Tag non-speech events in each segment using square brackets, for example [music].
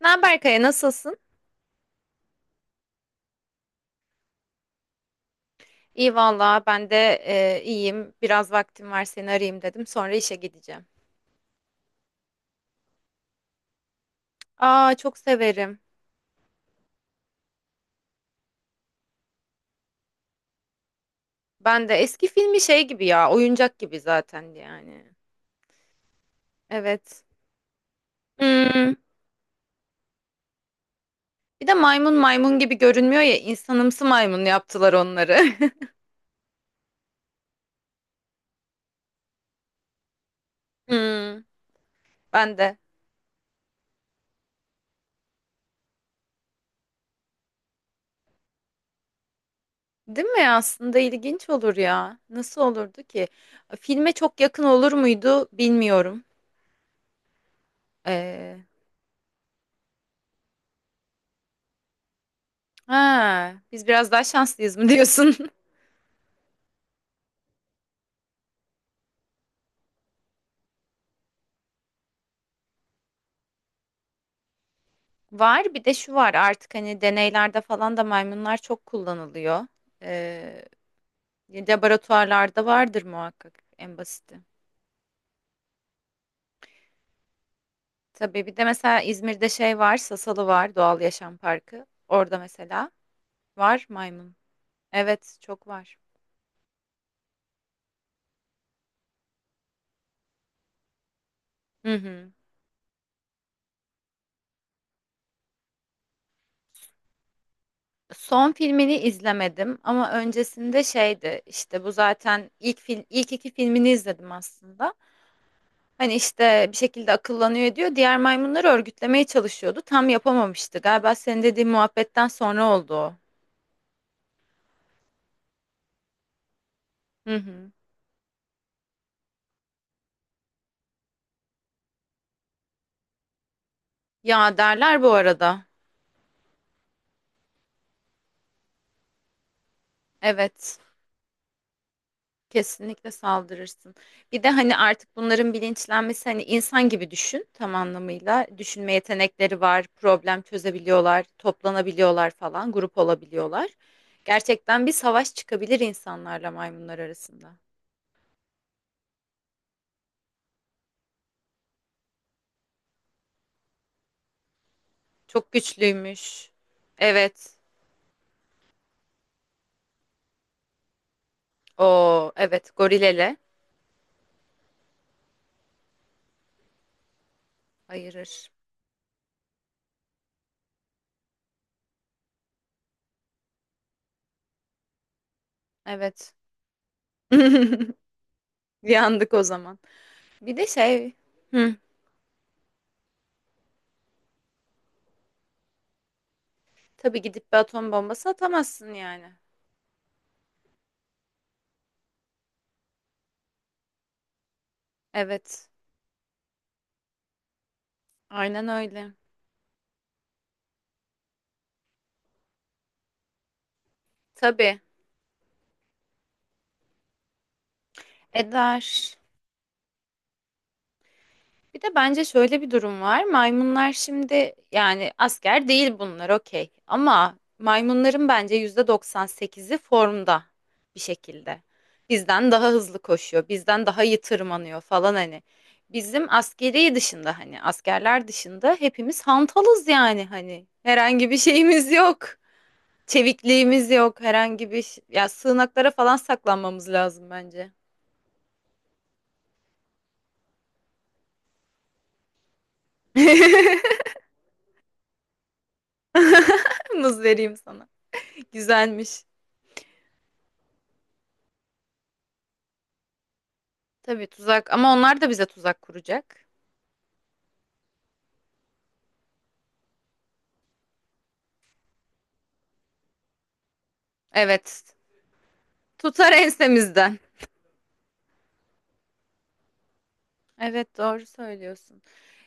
Ne haber Kaya, nasılsın? İyi valla ben de iyiyim. Biraz vaktim var seni arayayım dedim. Sonra işe gideceğim. Aa çok severim. Ben de eski filmi şey gibi ya oyuncak gibi zaten yani. Evet. Hmm. Bir de maymun maymun gibi görünmüyor ya insanımsı maymun yaptılar onları. [laughs] Hmm, ben de. Değil mi? Aslında ilginç olur ya. Nasıl olurdu ki? Filme çok yakın olur muydu bilmiyorum. Ee, ha, biz biraz daha şanslıyız mı diyorsun? [laughs] Var bir de şu var artık hani deneylerde falan da maymunlar çok kullanılıyor. Ee, laboratuvarlarda vardır muhakkak en basiti. Tabii bir de mesela İzmir'de şey var Sasalı var Doğal Yaşam Parkı. Orada mesela var maymun. Evet çok var. Hı hı. Son filmini izlemedim ama öncesinde şeydi işte bu zaten ilk film ilk iki filmini izledim aslında. Hani işte bir şekilde akıllanıyor ediyor. Diğer maymunları örgütlemeye çalışıyordu. Tam yapamamıştı. Galiba senin dediğin muhabbetten sonra oldu o. Hı hı. Ya derler bu arada. Evet. Kesinlikle saldırırsın. Bir de hani artık bunların bilinçlenmesi hani insan gibi düşün tam anlamıyla. Düşünme yetenekleri var, problem çözebiliyorlar, toplanabiliyorlar falan, grup olabiliyorlar. Gerçekten bir savaş çıkabilir insanlarla maymunlar arasında. Çok güçlüymüş. Evet. Oo evet gorilele ayırır. Evet. [laughs] Yandık o zaman. Bir de hı, tabii gidip bir atom bombası atamazsın yani. Evet. Aynen öyle. Tabii. Eder. Bir de bence şöyle bir durum var. Maymunlar şimdi yani asker değil bunlar okey. Ama maymunların bence %98'i formda bir şekilde. Bizden daha hızlı koşuyor, bizden daha iyi tırmanıyor falan hani. Bizim askeri dışında hani askerler dışında hepimiz hantalız yani hani. Herhangi bir şeyimiz yok. Çevikliğimiz yok. Herhangi bir ş- ya sığınaklara falan saklanmamız lazım bence. [laughs] Muz vereyim sana. Güzelmiş. Tabii tuzak ama onlar da bize tuzak kuracak. Evet. Tutar ensemizden. Evet doğru söylüyorsun.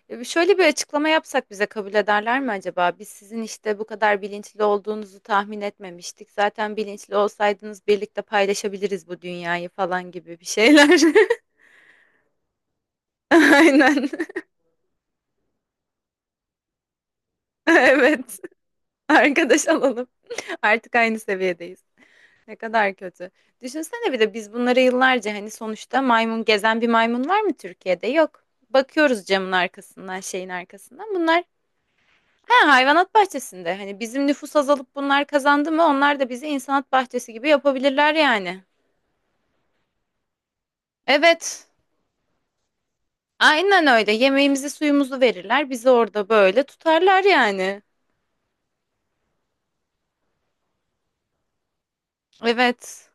Şöyle bir açıklama yapsak bize kabul ederler mi acaba? Biz sizin işte bu kadar bilinçli olduğunuzu tahmin etmemiştik. Zaten bilinçli olsaydınız birlikte paylaşabiliriz bu dünyayı falan gibi bir şeyler. [laughs] Aynen. [laughs] Evet. Arkadaş alalım. Artık aynı seviyedeyiz. Ne kadar kötü. Düşünsene bir de biz bunları yıllarca hani sonuçta maymun gezen bir maymun var mı Türkiye'de? Yok. Bakıyoruz camın arkasından, şeyin arkasından. Bunlar ha hayvanat bahçesinde. Hani bizim nüfus azalıp bunlar kazandı mı? Onlar da bizi insanat bahçesi gibi yapabilirler yani. Evet. Aynen öyle. Yemeğimizi, suyumuzu verirler. Bizi orada böyle tutarlar yani. Evet.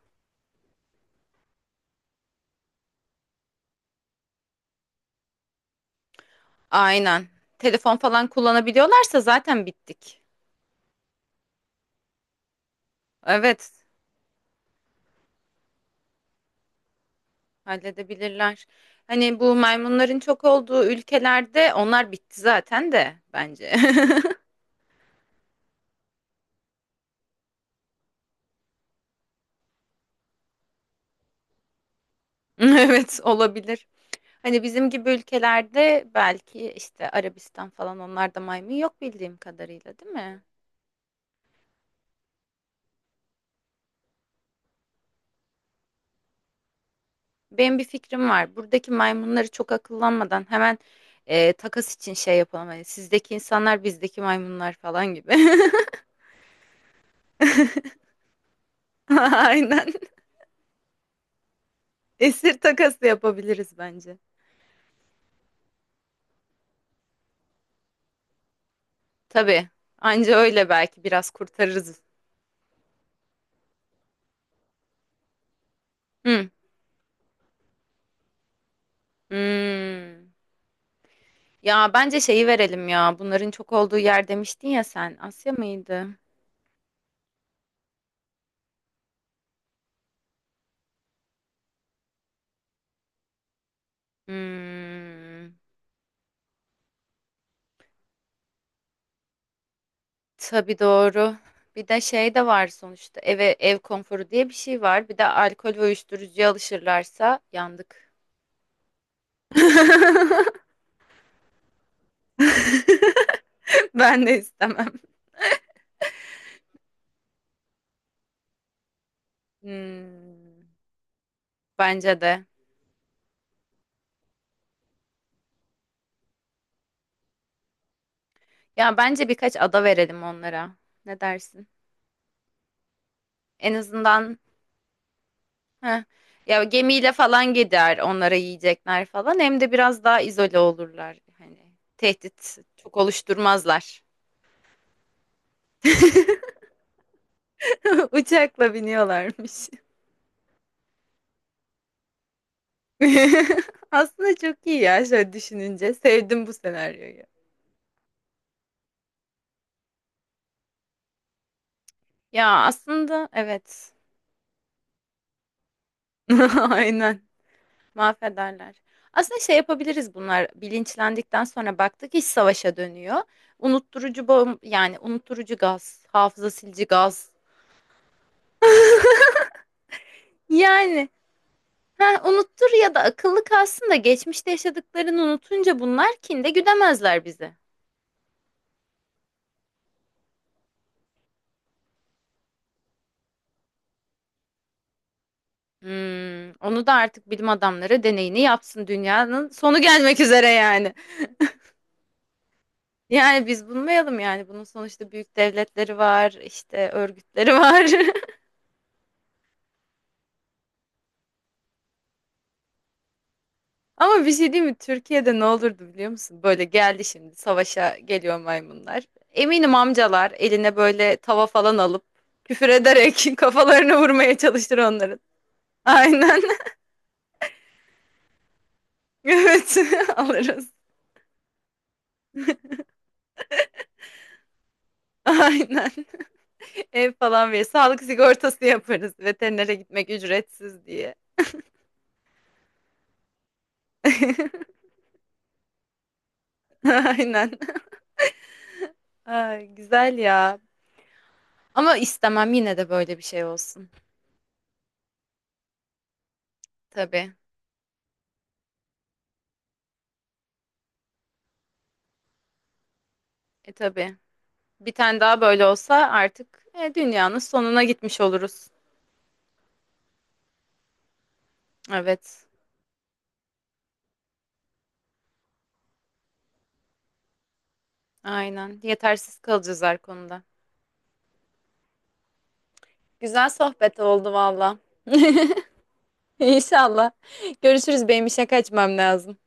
Aynen. Telefon falan kullanabiliyorlarsa zaten bittik. Evet. Halledebilirler. Hani bu maymunların çok olduğu ülkelerde onlar bitti zaten de bence. [laughs] Evet olabilir. Hani bizim gibi ülkelerde belki işte Arabistan falan onlarda maymun yok bildiğim kadarıyla değil mi? Benim bir fikrim var. Buradaki maymunları çok akıllanmadan hemen takas için şey yapalım. Hani sizdeki insanlar bizdeki maymunlar falan gibi. [laughs] Aynen. Esir takası yapabiliriz bence. Tabii. Anca öyle belki biraz kurtarırız. Hı. Hmm. Ya bence şeyi verelim ya. Bunların çok olduğu yer demiştin ya sen. Asya mıydı? Hmm. Tabii doğru. Bir de şey de var sonuçta. Eve ev konforu diye bir şey var. Bir de alkol ve uyuşturucuya alışırlarsa yandık. [laughs] Ben de istemem. Hmm. Bence de. Ya bence birkaç ada verelim onlara. Ne dersin? En azından Heh. Ya gemiyle falan gider onlara yiyecekler falan. Hem de biraz daha izole olurlar. Hani tehdit çok oluşturmazlar. [laughs] Uçakla biniyorlarmış. [laughs] Aslında çok iyi ya şöyle düşününce. Sevdim bu senaryoyu. Ya aslında evet. [laughs] Aynen. Mahvederler. Aslında şey yapabiliriz bunlar. Bilinçlendikten sonra baktık iş savaşa dönüyor. Unutturucu yani unutturucu gaz, hafıza silici gaz. Yani Ha, unuttur ya da akıllı kalsın da geçmişte yaşadıklarını unutunca bunlar kinde güdemezler bizi. Hmm, onu da artık bilim adamları deneyini yapsın dünyanın sonu gelmek üzere yani. Yani biz bulmayalım yani bunun sonuçta büyük devletleri var işte örgütleri var. [laughs] Ama bir şey değil mi Türkiye'de ne olurdu biliyor musun? Böyle geldi şimdi savaşa geliyor maymunlar. Eminim amcalar eline böyle tava falan alıp küfür ederek [laughs] kafalarını vurmaya çalışır onların. Aynen. [laughs] Evet [laughs] alırız. Aynen. Ev falan verir. Sağlık sigortası yaparız. Veterinere gitmek ücretsiz diye. [laughs] Aynen. Ay, güzel ya. Ama istemem yine de böyle bir şey olsun. Tabii. E tabii. Bir tane daha böyle olsa artık dünyanın sonuna gitmiş oluruz. Evet. Aynen. Yetersiz kalacağız her konuda. Güzel sohbet oldu valla. [laughs] İnşallah. Görüşürüz. Benim işe kaçmam lazım.